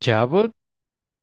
Chabot,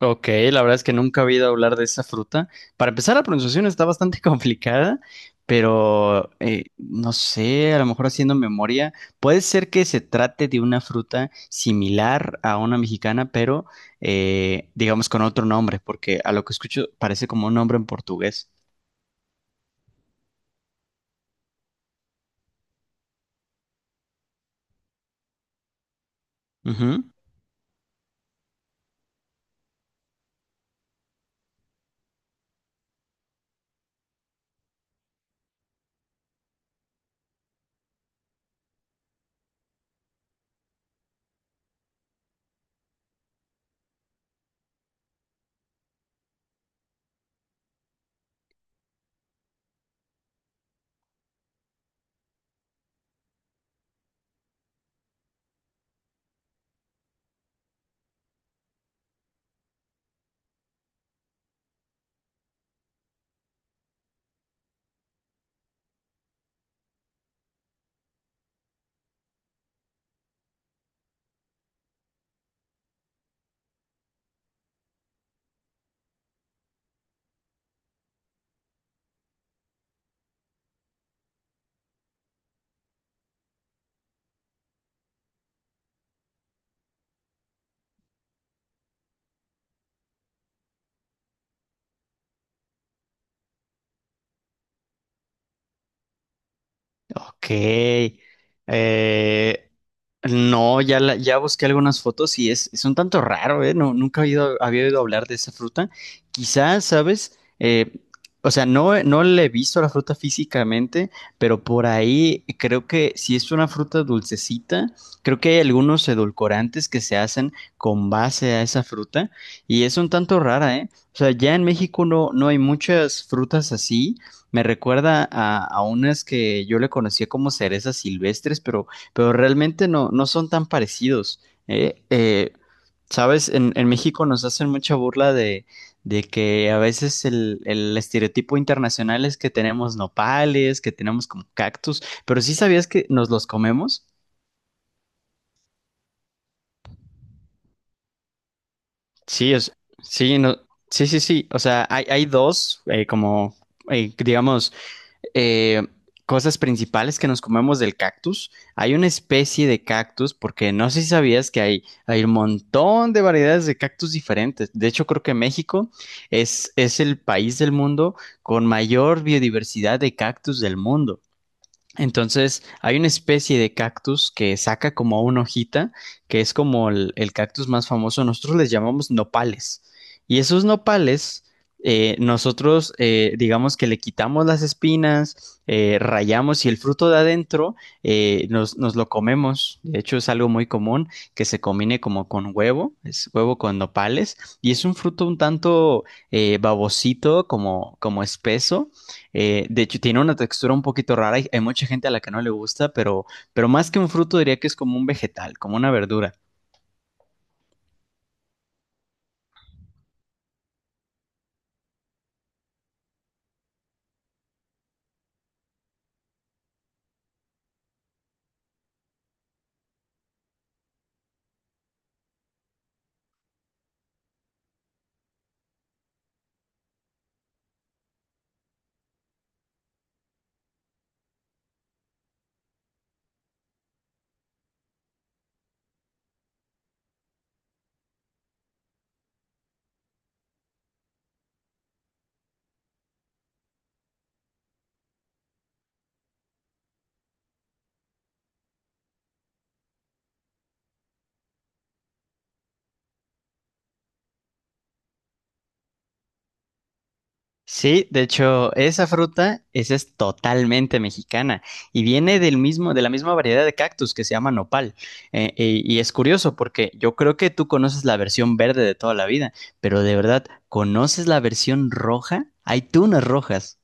ok, la verdad es que nunca he oído hablar de esa fruta. Para empezar, la pronunciación está bastante complicada, pero no sé, a lo mejor haciendo memoria, puede ser que se trate de una fruta similar a una mexicana, pero digamos con otro nombre, porque a lo que escucho parece como un nombre en portugués. Ujú. Ok. Eh, no, ya, ya busqué algunas fotos y es un tanto raro, ¿eh? No, nunca había oído hablar de esa fruta. Quizás, ¿sabes? O sea, no, no le he visto la fruta físicamente, pero por ahí creo que si es una fruta dulcecita, creo que hay algunos edulcorantes que se hacen con base a esa fruta y es un tanto rara, ¿eh? O sea, ya en México no, no hay muchas frutas así. Me recuerda a unas que yo le conocía como cerezas silvestres, pero realmente no, no son tan parecidos. ¿Eh? Sabes, en México nos hacen mucha burla de que a veces el estereotipo internacional es que tenemos nopales, que tenemos como cactus, pero sí sabías que nos los comemos. Sí, es, sí, no, sí, sí, sí. O sea, hay dos, como, digamos, eh, cosas principales que nos comemos del cactus. Hay una especie de cactus, porque no sé si sabías que hay un montón de variedades de cactus diferentes. De hecho, creo que México es el país del mundo con mayor biodiversidad de cactus del mundo. Entonces, hay una especie de cactus que saca como una hojita, que es como el cactus más famoso. Nosotros les llamamos nopales. Y esos nopales, nosotros, digamos que le quitamos las espinas, rayamos y el fruto de adentro nos, nos lo comemos. De hecho, es algo muy común que se combine como con huevo, es huevo con nopales. Y es un fruto un tanto babosito, como, como espeso de hecho, tiene una textura un poquito rara. Hay mucha gente a la que no le gusta, pero más que un fruto diría que es como un vegetal, como una verdura. Sí, de hecho, esa fruta, esa es totalmente mexicana y viene del mismo, de la misma variedad de cactus que se llama nopal. Y es curioso porque yo creo que tú conoces la versión verde de toda la vida, pero de verdad, ¿conoces la versión roja? Hay tunas rojas.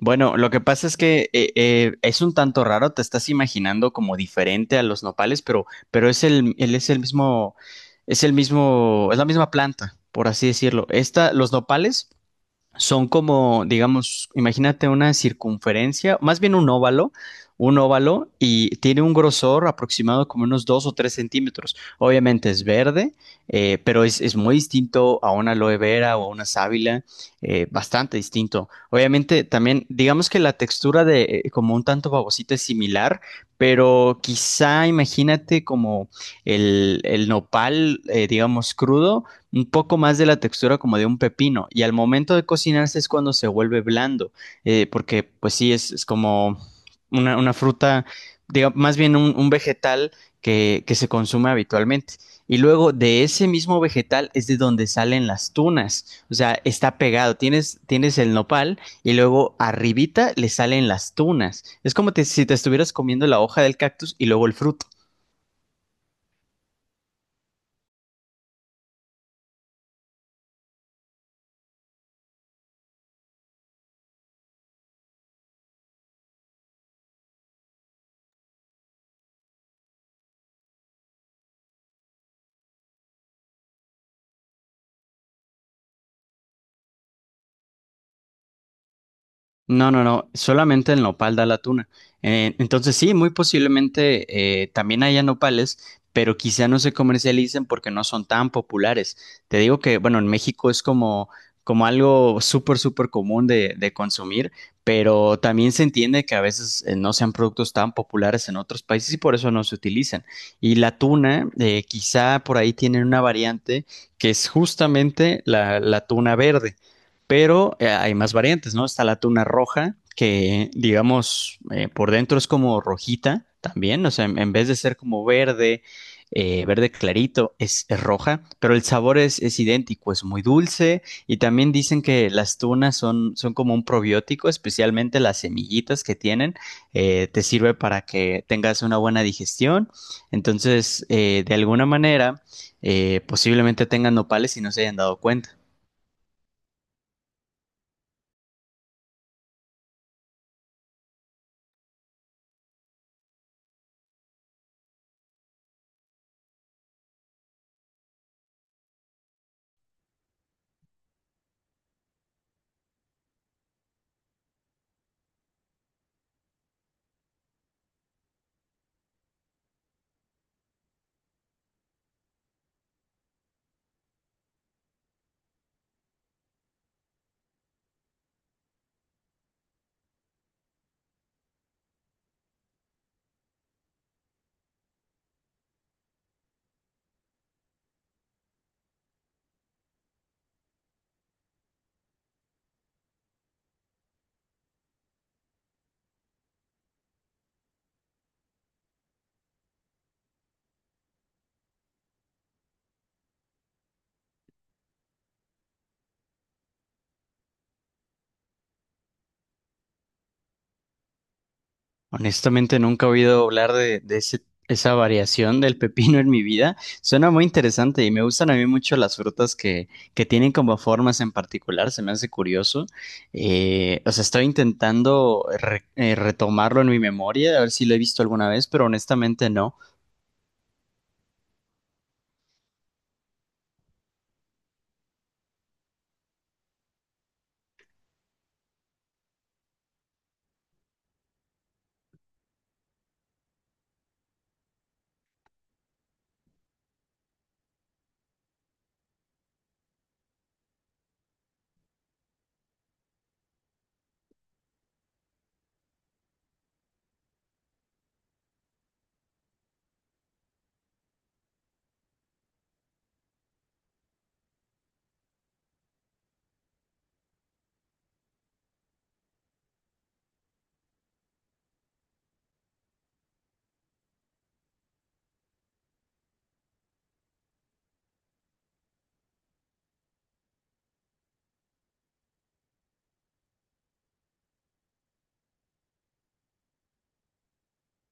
Bueno, lo que pasa es que es un tanto raro, te estás imaginando como diferente a los nopales, pero es él es el mismo, es el mismo, es la misma planta, por así decirlo. Esta, los nopales son como, digamos, imagínate una circunferencia, más bien un óvalo y tiene un grosor aproximado como unos 2 o 3 centímetros. Obviamente es verde, pero es muy distinto a una aloe vera o a una sábila, bastante distinto. Obviamente también, digamos que la textura de como un tanto babosita es similar, pero quizá imagínate como el nopal, digamos, crudo un poco más de la textura como de un pepino y al momento de cocinarse es cuando se vuelve blando, porque pues sí, es como una fruta, más bien un vegetal que se consume habitualmente. Y luego de ese mismo vegetal es de donde salen las tunas, o sea, está pegado, tienes, tienes el nopal y luego arribita le salen las tunas. Es como si te estuvieras comiendo la hoja del cactus y luego el fruto. No, no, no, solamente el nopal da la tuna. Entonces sí, muy posiblemente también haya nopales, pero quizá no se comercialicen porque no son tan populares. Te digo que, bueno, en México es como, como algo súper, súper común de consumir, pero también se entiende que a veces no sean productos tan populares en otros países y por eso no se utilizan. Y la tuna, quizá por ahí tienen una variante que es justamente la tuna verde pero hay más variantes, ¿no? Está la tuna roja, que digamos por dentro es como rojita también, o sea, en vez de ser como verde, verde clarito, es roja, pero el sabor es idéntico, es muy dulce y también dicen que las tunas son, son como un probiótico, especialmente las semillitas que tienen, te sirve para que tengas una buena digestión. Entonces, de alguna manera, posiblemente tengan nopales y no se hayan dado cuenta. Honestamente, nunca he oído hablar de esa variación del pepino en mi vida. Suena muy interesante y me gustan a mí mucho las frutas que tienen como formas en particular. Se me hace curioso. O sea, estoy intentando retomarlo en mi memoria, a ver si lo he visto alguna vez, pero honestamente no.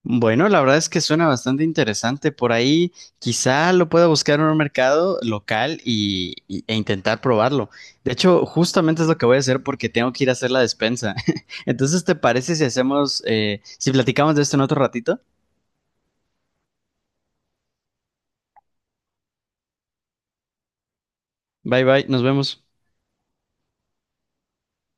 Bueno, la verdad es que suena bastante interesante. Por ahí quizá lo pueda buscar en un mercado local y, e intentar probarlo. De hecho, justamente es lo que voy a hacer porque tengo que ir a hacer la despensa. Entonces, ¿te parece si hacemos, si platicamos de esto en otro ratito? Bye bye, nos vemos.